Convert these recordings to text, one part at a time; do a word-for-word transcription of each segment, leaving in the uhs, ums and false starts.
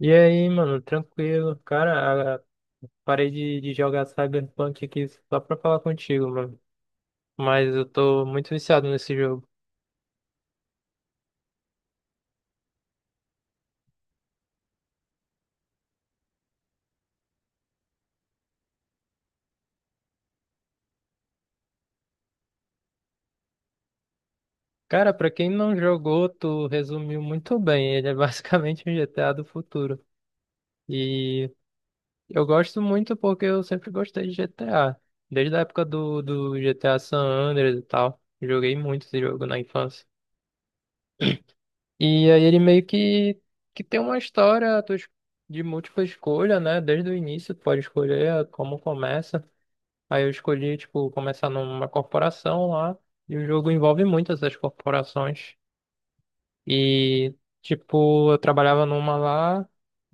E aí, mano, tranquilo. Cara, a- parei de, de jogar Cyberpunk aqui só pra falar contigo, mano. Mas eu tô muito viciado nesse jogo. Cara, pra quem não jogou, tu resumiu muito bem. Ele é basicamente um G T A do futuro. E eu gosto muito porque eu sempre gostei de G T A. Desde a época do, do G T A San Andreas e tal. Joguei muito esse jogo na infância. E aí ele meio que, que tem uma história tu es- de múltipla escolha, né? Desde o início tu pode escolher como começa. Aí eu escolhi, tipo, começar numa corporação lá. E o jogo envolve muitas das corporações. E, tipo, eu trabalhava numa lá,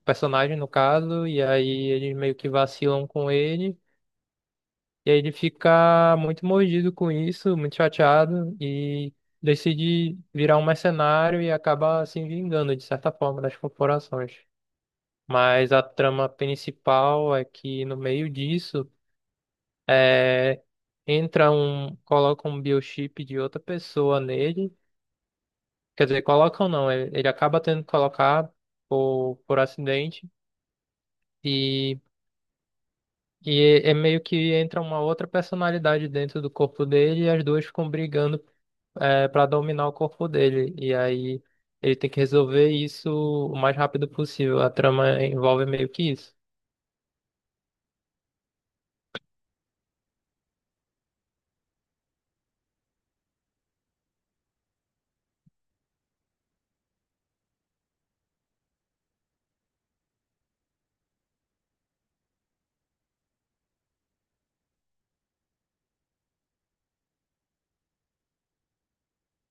personagem no caso, e aí eles meio que vacilam com ele. E aí ele fica muito mordido com isso, muito chateado e decide virar um mercenário e acaba se vingando, de certa forma, das corporações. Mas a trama principal é que no meio disso é, entra um, coloca um biochip de outra pessoa nele. Quer dizer, colocam não, ele, ele acaba tendo que colocar por, por acidente e e é é meio que entra uma outra personalidade dentro do corpo dele e as duas ficam brigando é, para dominar o corpo dele. E aí ele tem que resolver isso o mais rápido possível. A trama envolve meio que isso.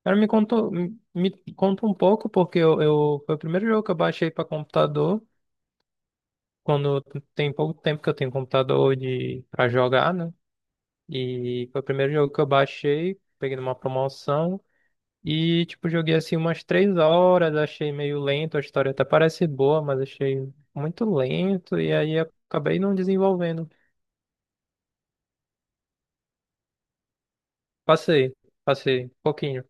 Cara, me conta, me me conta um pouco, porque eu, eu- foi o primeiro jogo que eu baixei para computador, quando tem pouco tempo que eu tenho computador de para jogar, né? E foi o primeiro jogo que eu baixei, peguei numa promoção. E, tipo, joguei assim umas três horas, achei meio lento, a história até parece boa, mas achei muito lento, e aí acabei não desenvolvendo. Passei, passei, um pouquinho.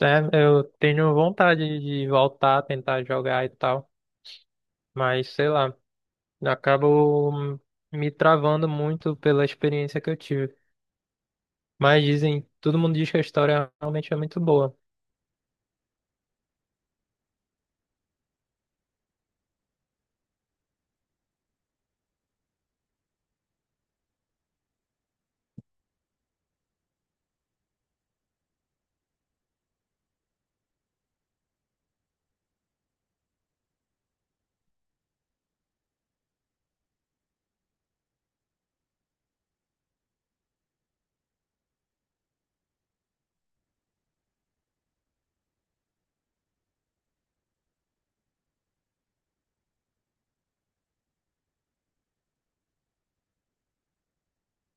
É, eu tenho vontade de voltar, tentar jogar e tal, mas sei lá, acabo hum, me travando muito pela experiência que eu tive. Mas dizem, todo mundo diz que a história realmente é muito boa.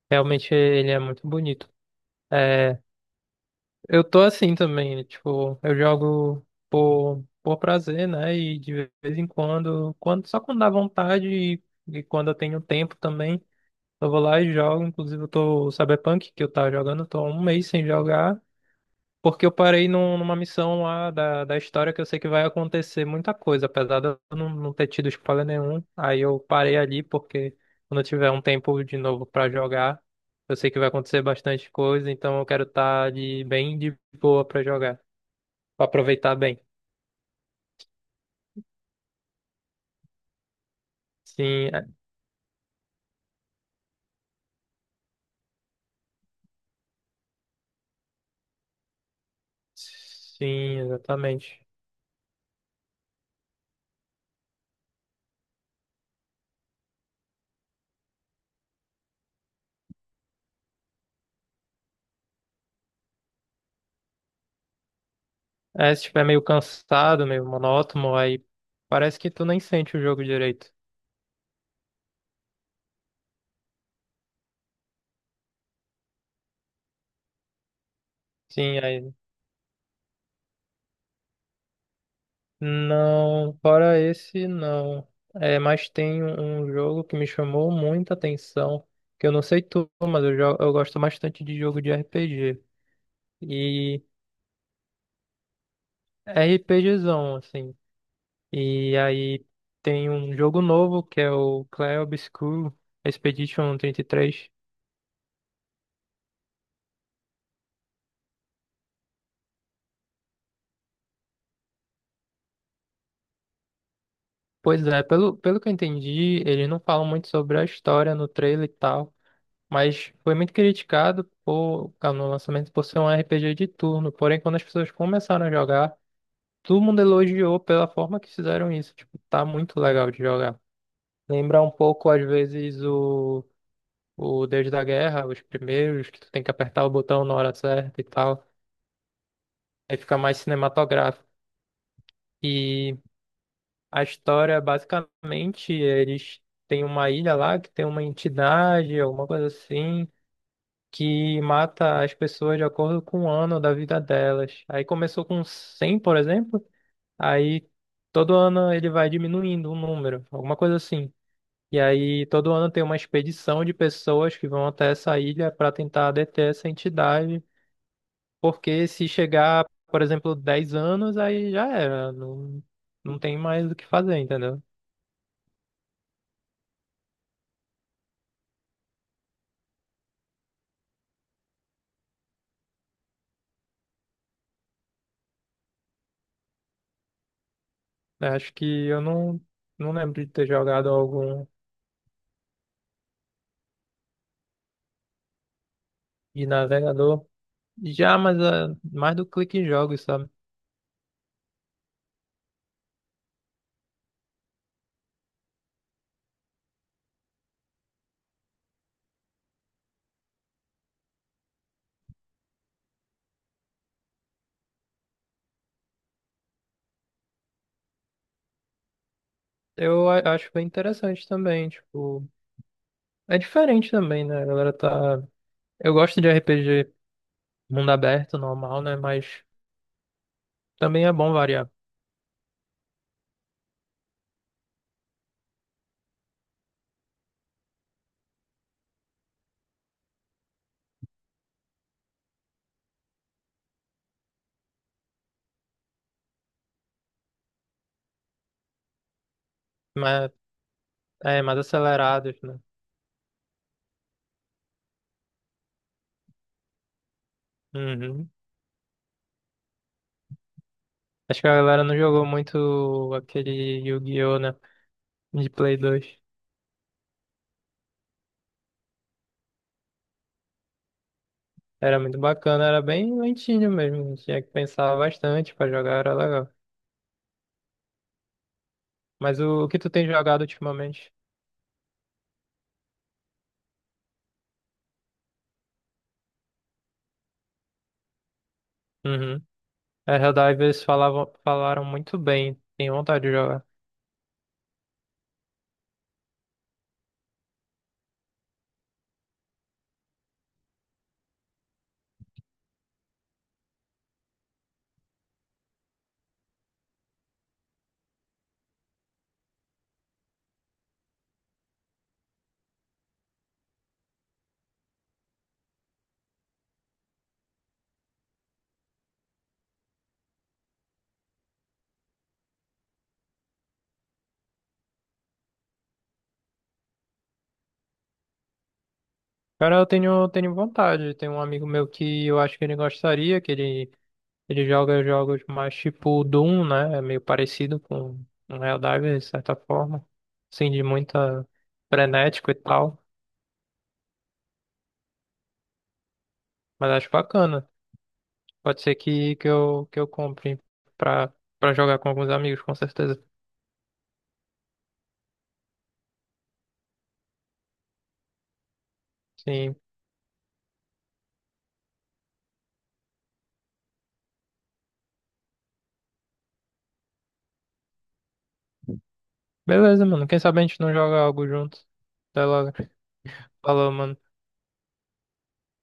Realmente ele é muito bonito. É, eu tô assim também, tipo, eu jogo por, por prazer, né? E de vez em quando, quando, só quando dá vontade e, e quando eu tenho tempo também. Eu vou lá e jogo. Inclusive, eu tô o Cyberpunk que eu tava jogando, eu tô há um mês sem jogar. Porque eu parei num- numa missão lá da, da história que eu sei que vai acontecer muita coisa, apesar de eu não, não ter tido spoiler nenhum. Aí eu parei ali porque quando eu tiver um tempo de novo pra jogar, eu sei que vai acontecer bastante coisa, então eu quero estar de bem de boa pra jogar, pra aproveitar bem. Sim, é- sim, exatamente. É, se estiver meio cansado, meio monótono, aí parece que tu nem sente o jogo direito. Sim, aí. Não, fora esse, não. É, mas tem um um jogo que me chamou muita atenção, que eu não sei tu, mas eu, jo- eu gosto bastante de jogo de R P G. E RPGzão, assim. E aí tem um jogo novo que é o Clair Obscur Expedition trinta e três. Pois é, pelo, pelo que eu entendi, eles não falam muito sobre a história no trailer e tal. Mas foi muito criticado por, no lançamento por ser um R P G de turno. Porém, quando as pessoas começaram a jogar, todo mundo elogiou pela forma que fizeram isso. Tipo, tá muito legal de jogar. Lembra um pouco, às vezes, o, o Deus da Guerra, os primeiros, que tu tem que apertar o botão na hora certa e tal. Aí fica mais cinematográfico. E a história, basicamente, eles têm uma ilha lá que tem uma entidade, alguma coisa assim, que mata as pessoas de acordo com o ano da vida delas. Aí começou com cem, por exemplo, aí todo ano ele vai diminuindo o número, alguma coisa assim. E aí todo ano tem uma expedição de pessoas que vão até essa ilha para tentar deter essa entidade, porque se chegar, por exemplo, dez anos, aí já era, não, não tem mais o que fazer, entendeu? Eu acho que eu não, não lembro de ter jogado algum de navegador. Já, mas é mais do clique em jogos, sabe? Eu a- acho bem interessante também, tipo, é diferente também, né? A galera tá. Eu gosto de R P G mundo aberto, normal, né? Mas também é bom variar. Mas é mais acelerados, né? Uhum. Acho que a galera não jogou muito aquele Yu-Gi-Oh, né? De Play dois. Era muito bacana, era bem lentinho mesmo. Tinha que pensar bastante pra jogar, era legal. Mas o, o que tu tem jogado ultimamente? Uhum. É, Helldivers falavam, falaram muito bem. Tenho vontade de jogar. Cara, eu tenho, tenho vontade. Tem um amigo meu que eu acho que ele gostaria, que ele, ele joga jogos mais tipo Doom, né? É meio parecido com um Helldivers, de certa forma. Assim, de muita frenético e tal. Mas acho bacana. Pode ser que, que eu, que eu compre pra, pra jogar com alguns amigos, com certeza. Sim. Beleza, mano. Quem sabe a gente não joga algo junto. Até logo. Falou, mano.